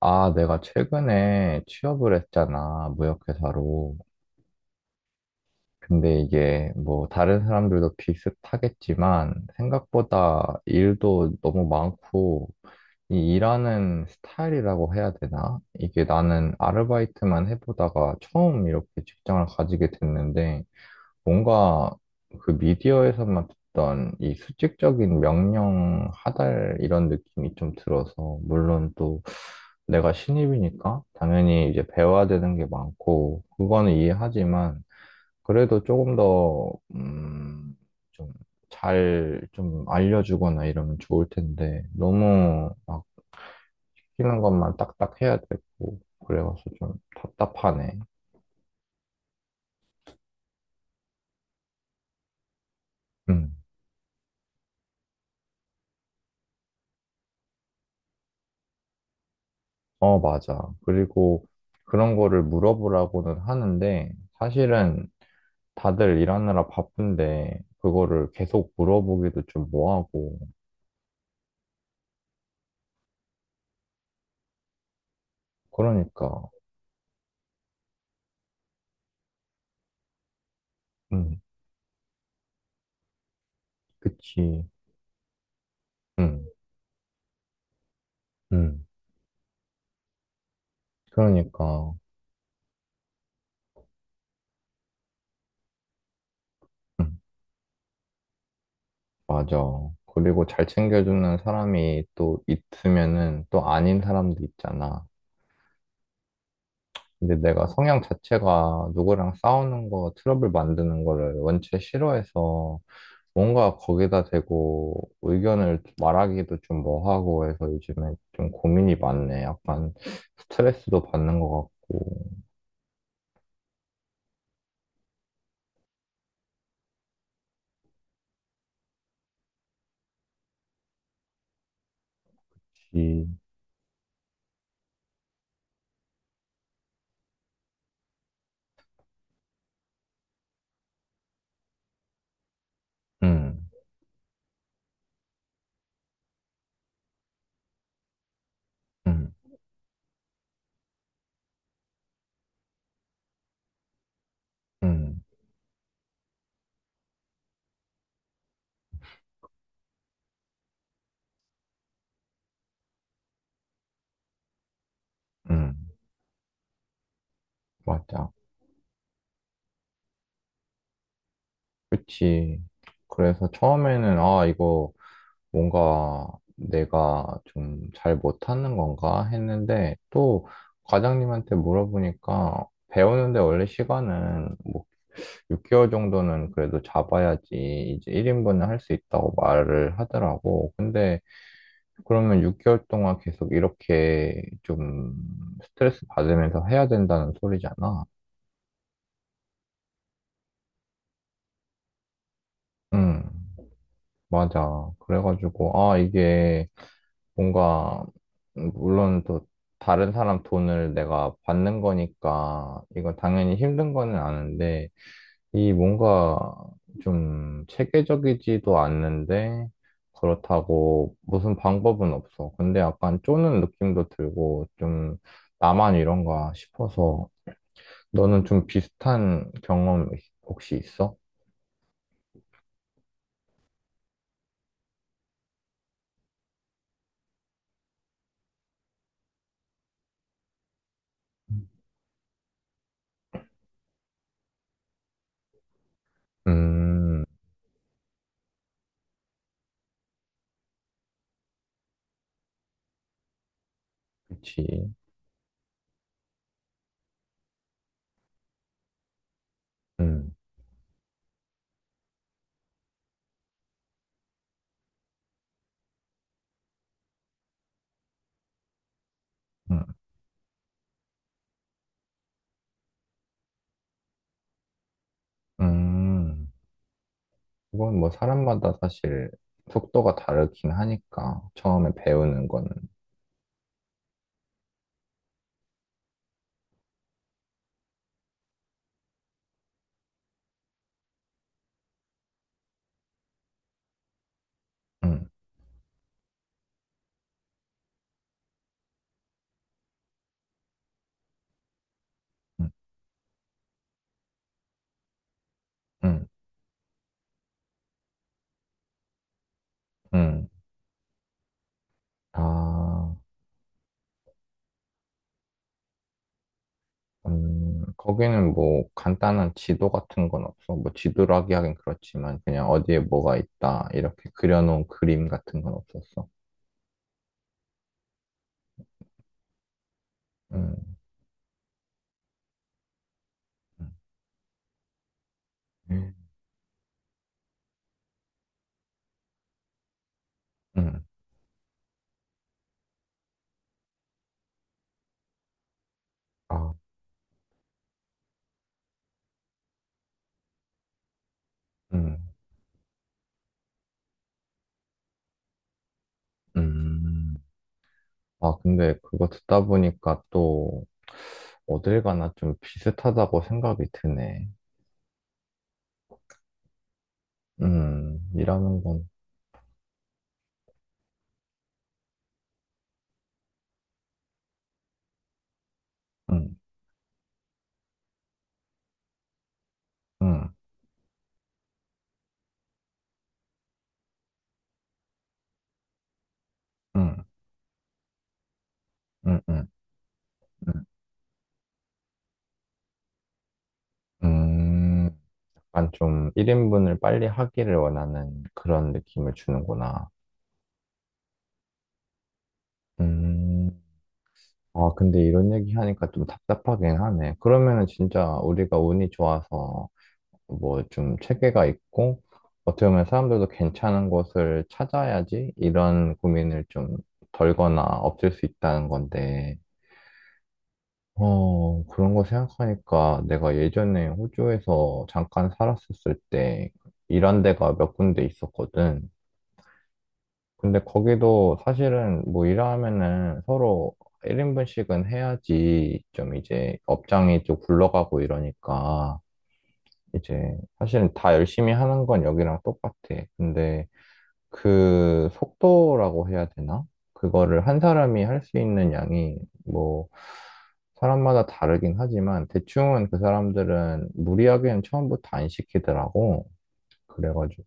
아, 내가 최근에 취업을 했잖아, 무역회사로. 근데 이게 뭐 다른 사람들도 비슷하겠지만 생각보다 일도 너무 많고 이 일하는 스타일이라고 해야 되나? 이게 나는 아르바이트만 해보다가 처음 이렇게 직장을 가지게 됐는데 뭔가 그 미디어에서만 듣던 이 수직적인 명령 하달 이런 느낌이 좀 들어서, 물론 또 내가 신입이니까 당연히 이제 배워야 되는 게 많고, 그거는 이해하지만, 그래도 조금 더, 좀 잘 좀 알려주거나 이러면 좋을 텐데, 너무 막 시키는 것만 딱딱 해야 되고, 그래가지고 좀 답답하네. 음. 어, 맞아. 그리고 그런 거를 물어보라고는 하는데, 사실은 다들 일하느라 바쁜데, 그거를 계속 물어보기도 좀 뭐하고. 그러니까, 음, 그치. 음, 음, 그러니까, 음, 맞아. 그리고 잘 챙겨주는 사람이 또 있으면은 또 아닌 사람도 있잖아. 근데 내가 성향 자체가 누구랑 싸우는 거, 트러블 만드는 거를 원체 싫어해서 뭔가 거기다 대고 의견을 말하기도 좀 뭐하고 해서 요즘에 좀 고민이 많네. 약간 스트레스도 받는 것 같고. 이, 음, 음, 음, 음, 맞아. 그치. 그래서 처음에는, 아, 이거 뭔가 내가 좀 잘 못하는 건가 했는데 또 과장님한테 물어보니까 배우는데 원래 시간은 뭐 6개월 정도는 그래도 잡아야지 이제 1인분을 할 수 있다고 말을 하더라고. 근데 그러면 6개월 동안 계속 이렇게 좀 스트레스 받으면서 해야 된다는 소리잖아. 응. 맞아. 그래가지고, 아, 이게 뭔가, 물론 또 다른 사람 돈을 내가 받는 거니까, 이거 당연히 힘든 거는 아는데, 이 뭔가 좀 체계적이지도 않는데, 그렇다고 무슨 방법은 없어. 근데 약간 쪼는 느낌도 들고, 좀 나만 이런가 싶어서, 너는 좀 비슷한 경험 혹시 있어? 음, 그치. 음, 음. 음. 그건 뭐 사람마다 사실 속도가 다르긴 하니까 처음에 배우는 거는 음, 음, 음, 음. 아, 거기는 뭐 간단한 지도 같은 건 없어. 뭐 지도라기 하긴 그렇지만 그냥 어디에 뭐가 있다 이렇게 그려놓은 그림 같은 건 없었어. 음, 음, 음, 아, 음, 음. 아, 근데 그거 듣다 보니까 또 어딜 가나 좀 비슷하다고 생각이 드네. 일하는 건. 응 응, 응, 응, 응, 응. 음, 약간 좀 1인분을 빨리 하기를 원하는 그런 느낌을 주는구나. 음, 아, 근데 이런 얘기 하니까 좀 답답하긴 하네. 그러면은 진짜 우리가 운이 좋아서 뭐 좀 체계가 있고, 어떻게 보면 사람들도 괜찮은 곳을 찾아야지 이런 고민을 좀 덜거나 없앨 수 있다는 건데, 어, 그런 거 생각하니까 내가 예전에 호주에서 잠깐 살았었을 때 일한 데가 몇 군데 있었거든. 근데 거기도 사실은 뭐 일하면은 서로 1인분씩은 해야지 좀 이제 업장이 좀 굴러가고 이러니까 이제 사실은 다 열심히 하는 건 여기랑 똑같아. 근데 그 속도라고 해야 되나? 그거를 한 사람이 할 수 있는 양이 뭐 사람마다 다르긴 하지만 대충은 그 사람들은 무리하게는 처음부터 안 시키더라고. 그래가지고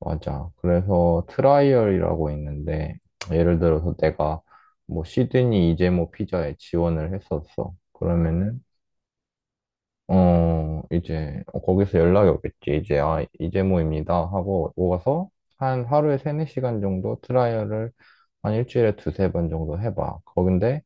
맞아. 그래서 트라이얼이라고 있는데 예를 들어서 내가 뭐 시드니 이재모 피자에 지원을 했었어. 그러면은 어, 이제, 거기서 연락이 오겠지. 이제, 아, 이재모입니다. 하고 오가서 한 하루에 세네 시간 정도 트라이얼을 한 일주일에 두세 번 정도 해봐. 거긴데,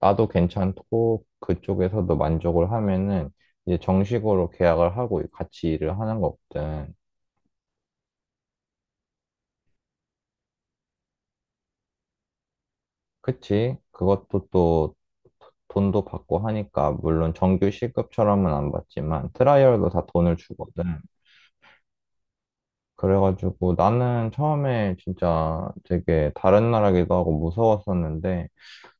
나도 괜찮고, 그쪽에서도 만족을 하면은, 이제 정식으로 계약을 하고 같이 일을 하는 거거든. 그치? 그것도 또, 돈도 받고 하니까, 물론 정규 시급처럼은 안 받지만, 트라이얼도 다 돈을 주거든. 그래가지고 나는 처음에 진짜 되게 다른 나라기도 하고 무서웠었는데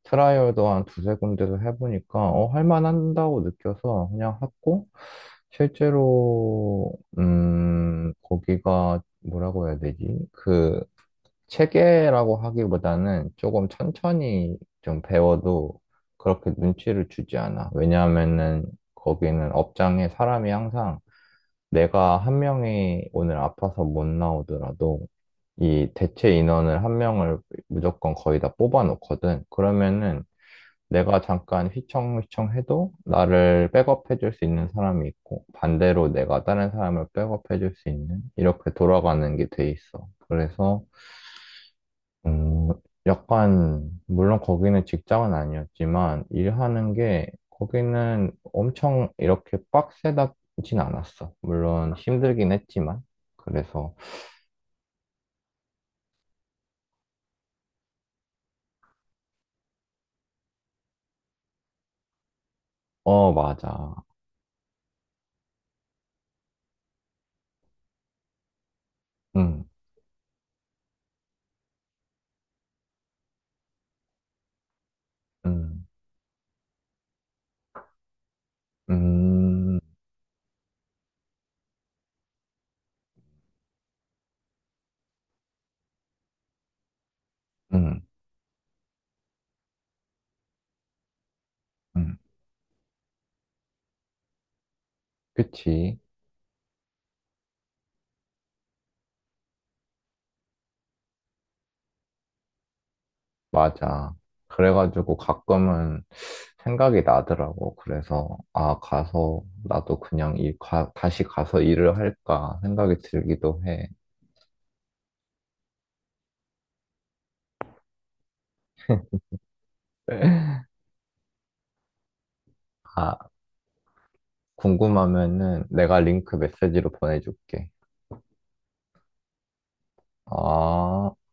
트라이얼도 한 두세 군데서 해보니까 할만한다고 느껴서 그냥 했고 실제로 거기가 뭐라고 해야 되지? 그 체계라고 하기보다는 조금 천천히 좀 배워도 그렇게 눈치를 주지 않아. 왜냐하면은 거기는 업장에 사람이 항상 내가 한 명이 오늘 아파서 못 나오더라도 이 대체 인원을 한 명을 무조건 거의 다 뽑아 놓거든. 그러면은 내가 잠깐 휘청휘청 해도 나를 백업해 줄 수 있는 사람이 있고 반대로 내가 다른 사람을 백업해 줄 수 있는 이렇게 돌아가는 게 돼 있어. 그래서 음, 약간, 물론 거기는 직장은 아니었지만, 일하는 게, 거기는 엄청 이렇게 빡세다진 않았어. 물론 힘들긴 했지만. 그래서, 어, 맞아. 응, 응, 응, 응, 응. 그치. 맞아. 그래가지고 가끔은 생각이 나더라고. 그래서, 아, 가서, 나도 그냥 다시 가서 일을 할까 생각이 들기도 해. 아, 궁금하면은 내가 링크 메시지로 보내줄게. 아.